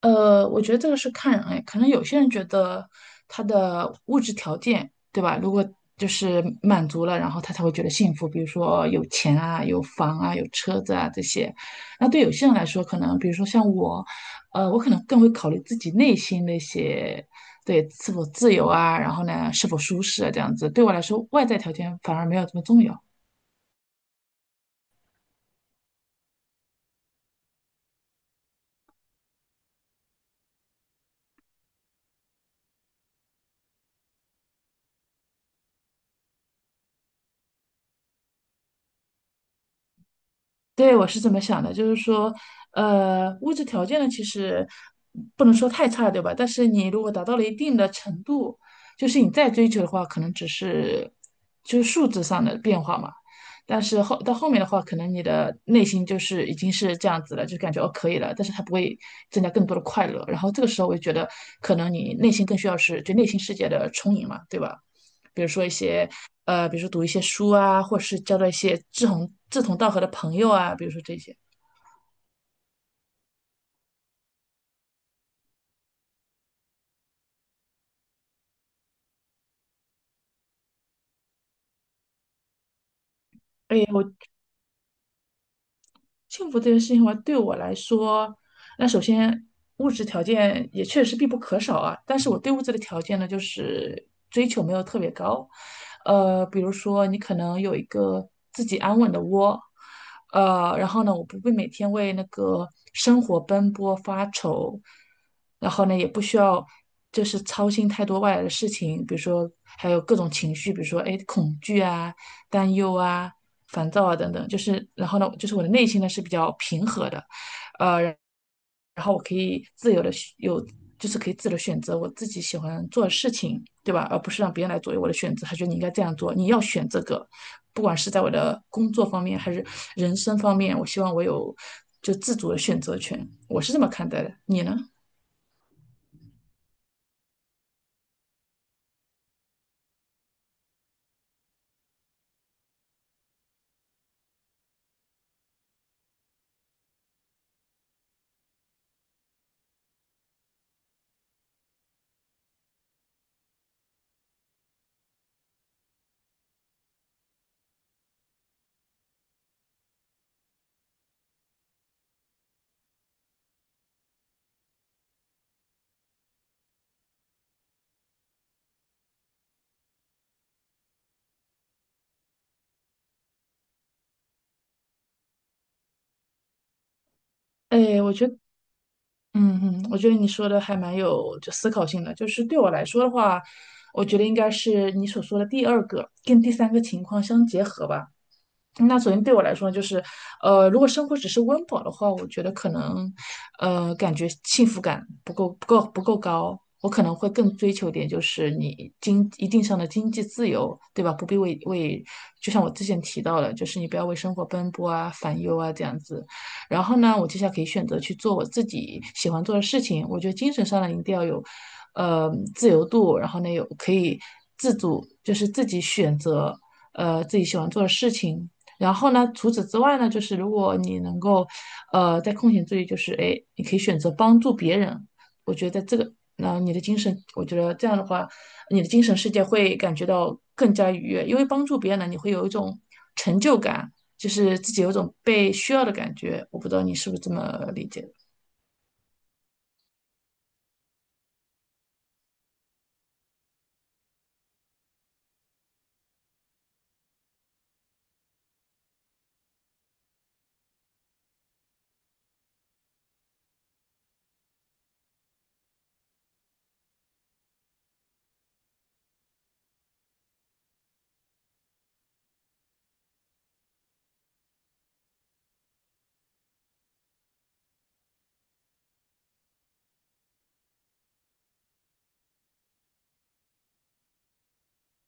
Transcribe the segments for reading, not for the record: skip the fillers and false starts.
我觉得这个是看人哎，可能有些人觉得他的物质条件，对吧？如果就是满足了，然后他才会觉得幸福，比如说有钱啊、有房啊、有车子啊这些。那对有些人来说，可能比如说像我，我可能更会考虑自己内心那些，对，是否自由啊，然后呢，是否舒适啊这样子。对我来说，外在条件反而没有这么重要。对，我是这么想的，就是说，物质条件呢，其实不能说太差，对吧？但是你如果达到了一定的程度，就是你再追求的话，可能只是就是数字上的变化嘛。但是到后面的话，可能你的内心就是已经是这样子了，就感觉哦可以了，但是它不会增加更多的快乐。然后这个时候，我就觉得可能你内心更需要是对内心世界的充盈嘛，对吧？比如说一些比如说读一些书啊，或者是交到一些志同道合的朋友啊，比如说这些。幸福这件事情话，对我来说，那首先物质条件也确实必不可少啊。但是我对物质的条件呢，就是追求没有特别高。比如说你可能有一个自己安稳的窝，然后呢，我不会每天为那个生活奔波发愁，然后呢，也不需要就是操心太多外来的事情，比如说还有各种情绪，比如说哎恐惧啊。担忧啊、烦躁啊等等，就是然后呢，就是我的内心呢是比较平和的，呃，然后我可以自由的有，就是可以自由的选择我自己喜欢做的事情，对吧？而不是让别人来左右我的选择。他觉得你应该这样做，你要选这个，不管是在我的工作方面还是人生方面，我希望我有就自主的选择权。我是这么看待的，你呢？哎，我觉得嗯嗯，我觉得你说的还蛮有就思考性的。就是对我来说的话，我觉得应该是你所说的第二个跟第三个情况相结合吧。那首先对我来说呢就是，如果生活只是温饱的话，我觉得可能，感觉幸福感不够高。我可能会更追求点，就是你经一定上的经济自由，对吧？不必为，就像我之前提到的，就是你不要为生活奔波啊、烦忧啊这样子。然后呢，我接下来可以选择去做我自己喜欢做的事情。我觉得精神上呢，一定要有，自由度，然后呢，有可以自主，就是自己选择，自己喜欢做的事情。然后呢，除此之外呢，就是如果你能够，在空闲之余，就是哎，你可以选择帮助别人。我觉得这个，你的精神，我觉得这样的话，你的精神世界会感觉到更加愉悦，因为帮助别人呢，你会有一种成就感，就是自己有一种被需要的感觉。我不知道你是不是这么理解的。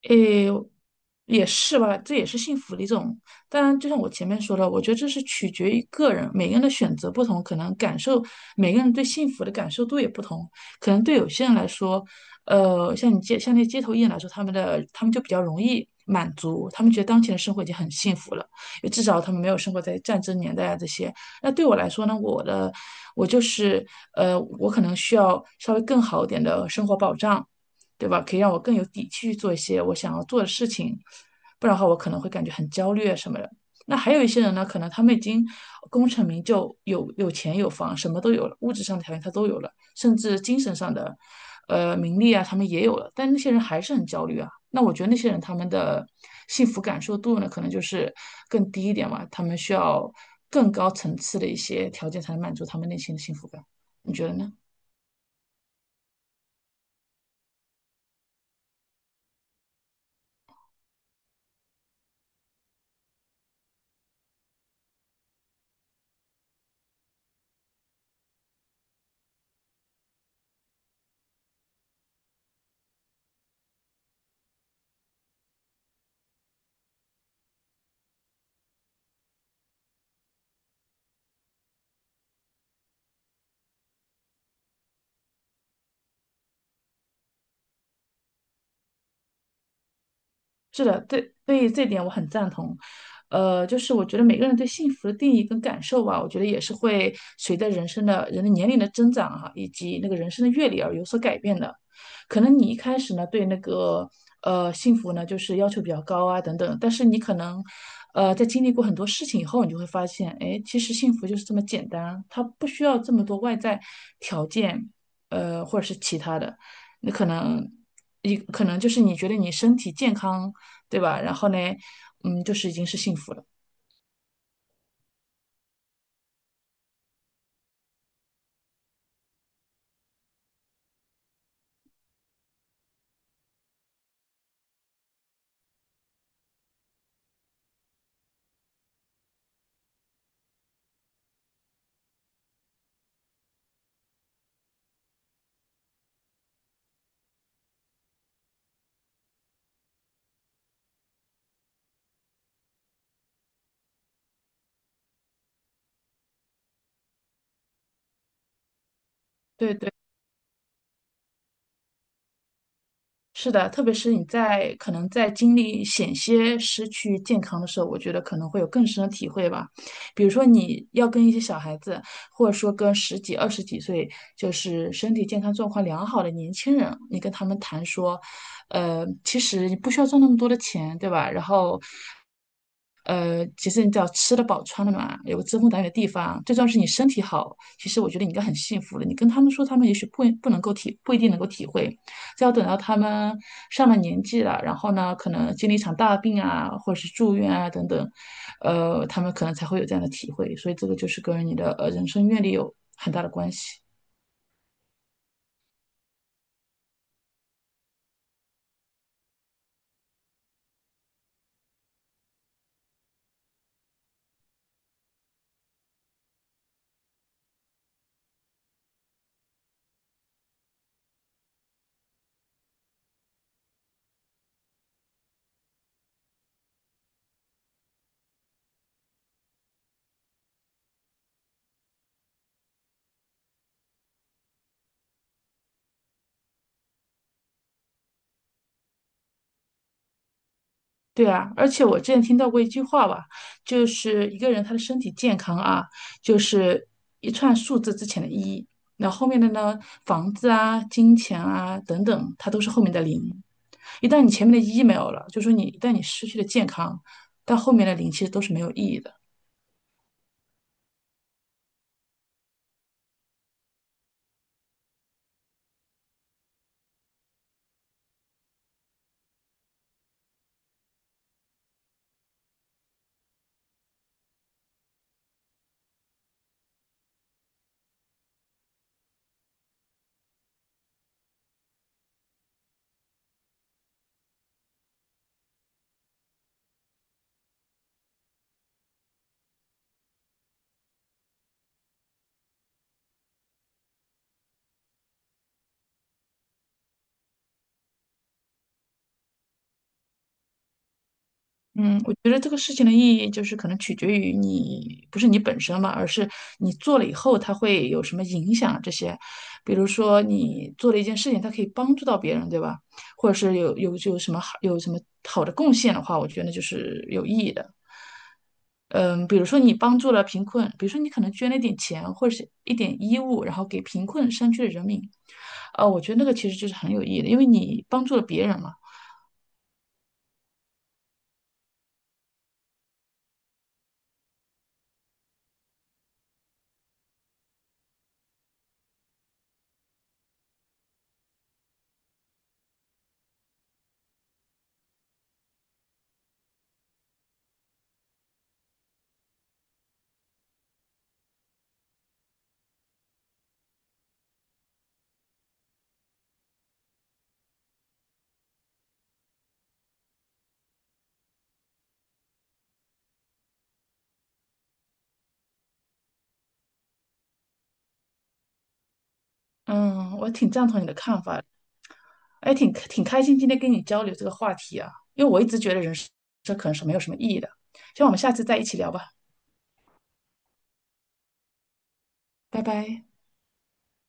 诶，也是吧，这也是幸福的一种。当然，就像我前面说的，我觉得这是取决于个人，每个人的选择不同，可能感受，每个人对幸福的感受度也不同。可能对有些人来说，像那些街头艺人来说，他们就比较容易满足，他们觉得当前的生活已经很幸福了，也至少他们没有生活在战争年代啊这些。那对我来说呢，我就是我可能需要稍微更好一点的生活保障。对吧？可以让我更有底气去做一些我想要做的事情，不然的话我可能会感觉很焦虑啊什么的。那还有一些人呢，可能他们已经功成名就，有钱有房，什么都有了，物质上的条件他都有了，甚至精神上的，名利啊，他们也有了，但那些人还是很焦虑啊。那我觉得那些人他们的幸福感受度呢，可能就是更低一点嘛，他们需要更高层次的一些条件才能满足他们内心的幸福感。你觉得呢？是的，对，对于这点我很赞同。就是我觉得每个人对幸福的定义跟感受吧，我觉得也是会随着人的年龄的增长哈、以及那个人生的阅历而有所改变的。可能你一开始呢对那个幸福呢就是要求比较高啊等等，但是你可能在经历过很多事情以后，你就会发现，哎，其实幸福就是这么简单，它不需要这么多外在条件，或者是其他的。那可能你可能就是你觉得你身体健康对吧？然后呢，嗯，就是已经是幸福了。对对，是的，特别是可能在经历险些失去健康的时候，我觉得可能会有更深的体会吧。比如说你要跟一些小孩子，或者说跟十几、二十几岁，就是身体健康状况良好的年轻人，你跟他们谈说，其实你不需要赚那么多的钱，对吧？然后其实你只要吃得饱、穿得暖，有个遮风挡雨的地方，最重要是你身体好。其实我觉得你应该很幸福的。你跟他们说，他们也许不一定能够体会。这要等到他们上了年纪了，然后呢，可能经历一场大病啊，或者是住院啊等等，他们可能才会有这样的体会。所以这个就是跟你的人生阅历有很大的关系。对啊，而且我之前听到过一句话吧，就是一个人他的身体健康啊，就是一串数字之前的一，那后面的呢，房子啊、金钱啊等等，它都是后面的零。一旦你前面的一没有了，就说你一旦你失去了健康，到后面的零其实都是没有意义的。嗯，我觉得这个事情的意义就是可能取决于你，不是你本身嘛，而是你做了以后它会有什么影响啊这些。比如说你做了一件事情，它可以帮助到别人，对吧？或者是有什么好的贡献的话，我觉得就是有意义的。嗯，比如说你帮助了贫困，比如说你可能捐了一点钱或者是一点衣物，然后给贫困山区的人民，我觉得那个其实就是很有意义的，因为你帮助了别人嘛。嗯，我挺赞同你的看法。哎，挺开心今天跟你交流这个话题啊，因为我一直觉得人生这可能是没有什么意义的。希望我们下次再一起聊吧，拜拜。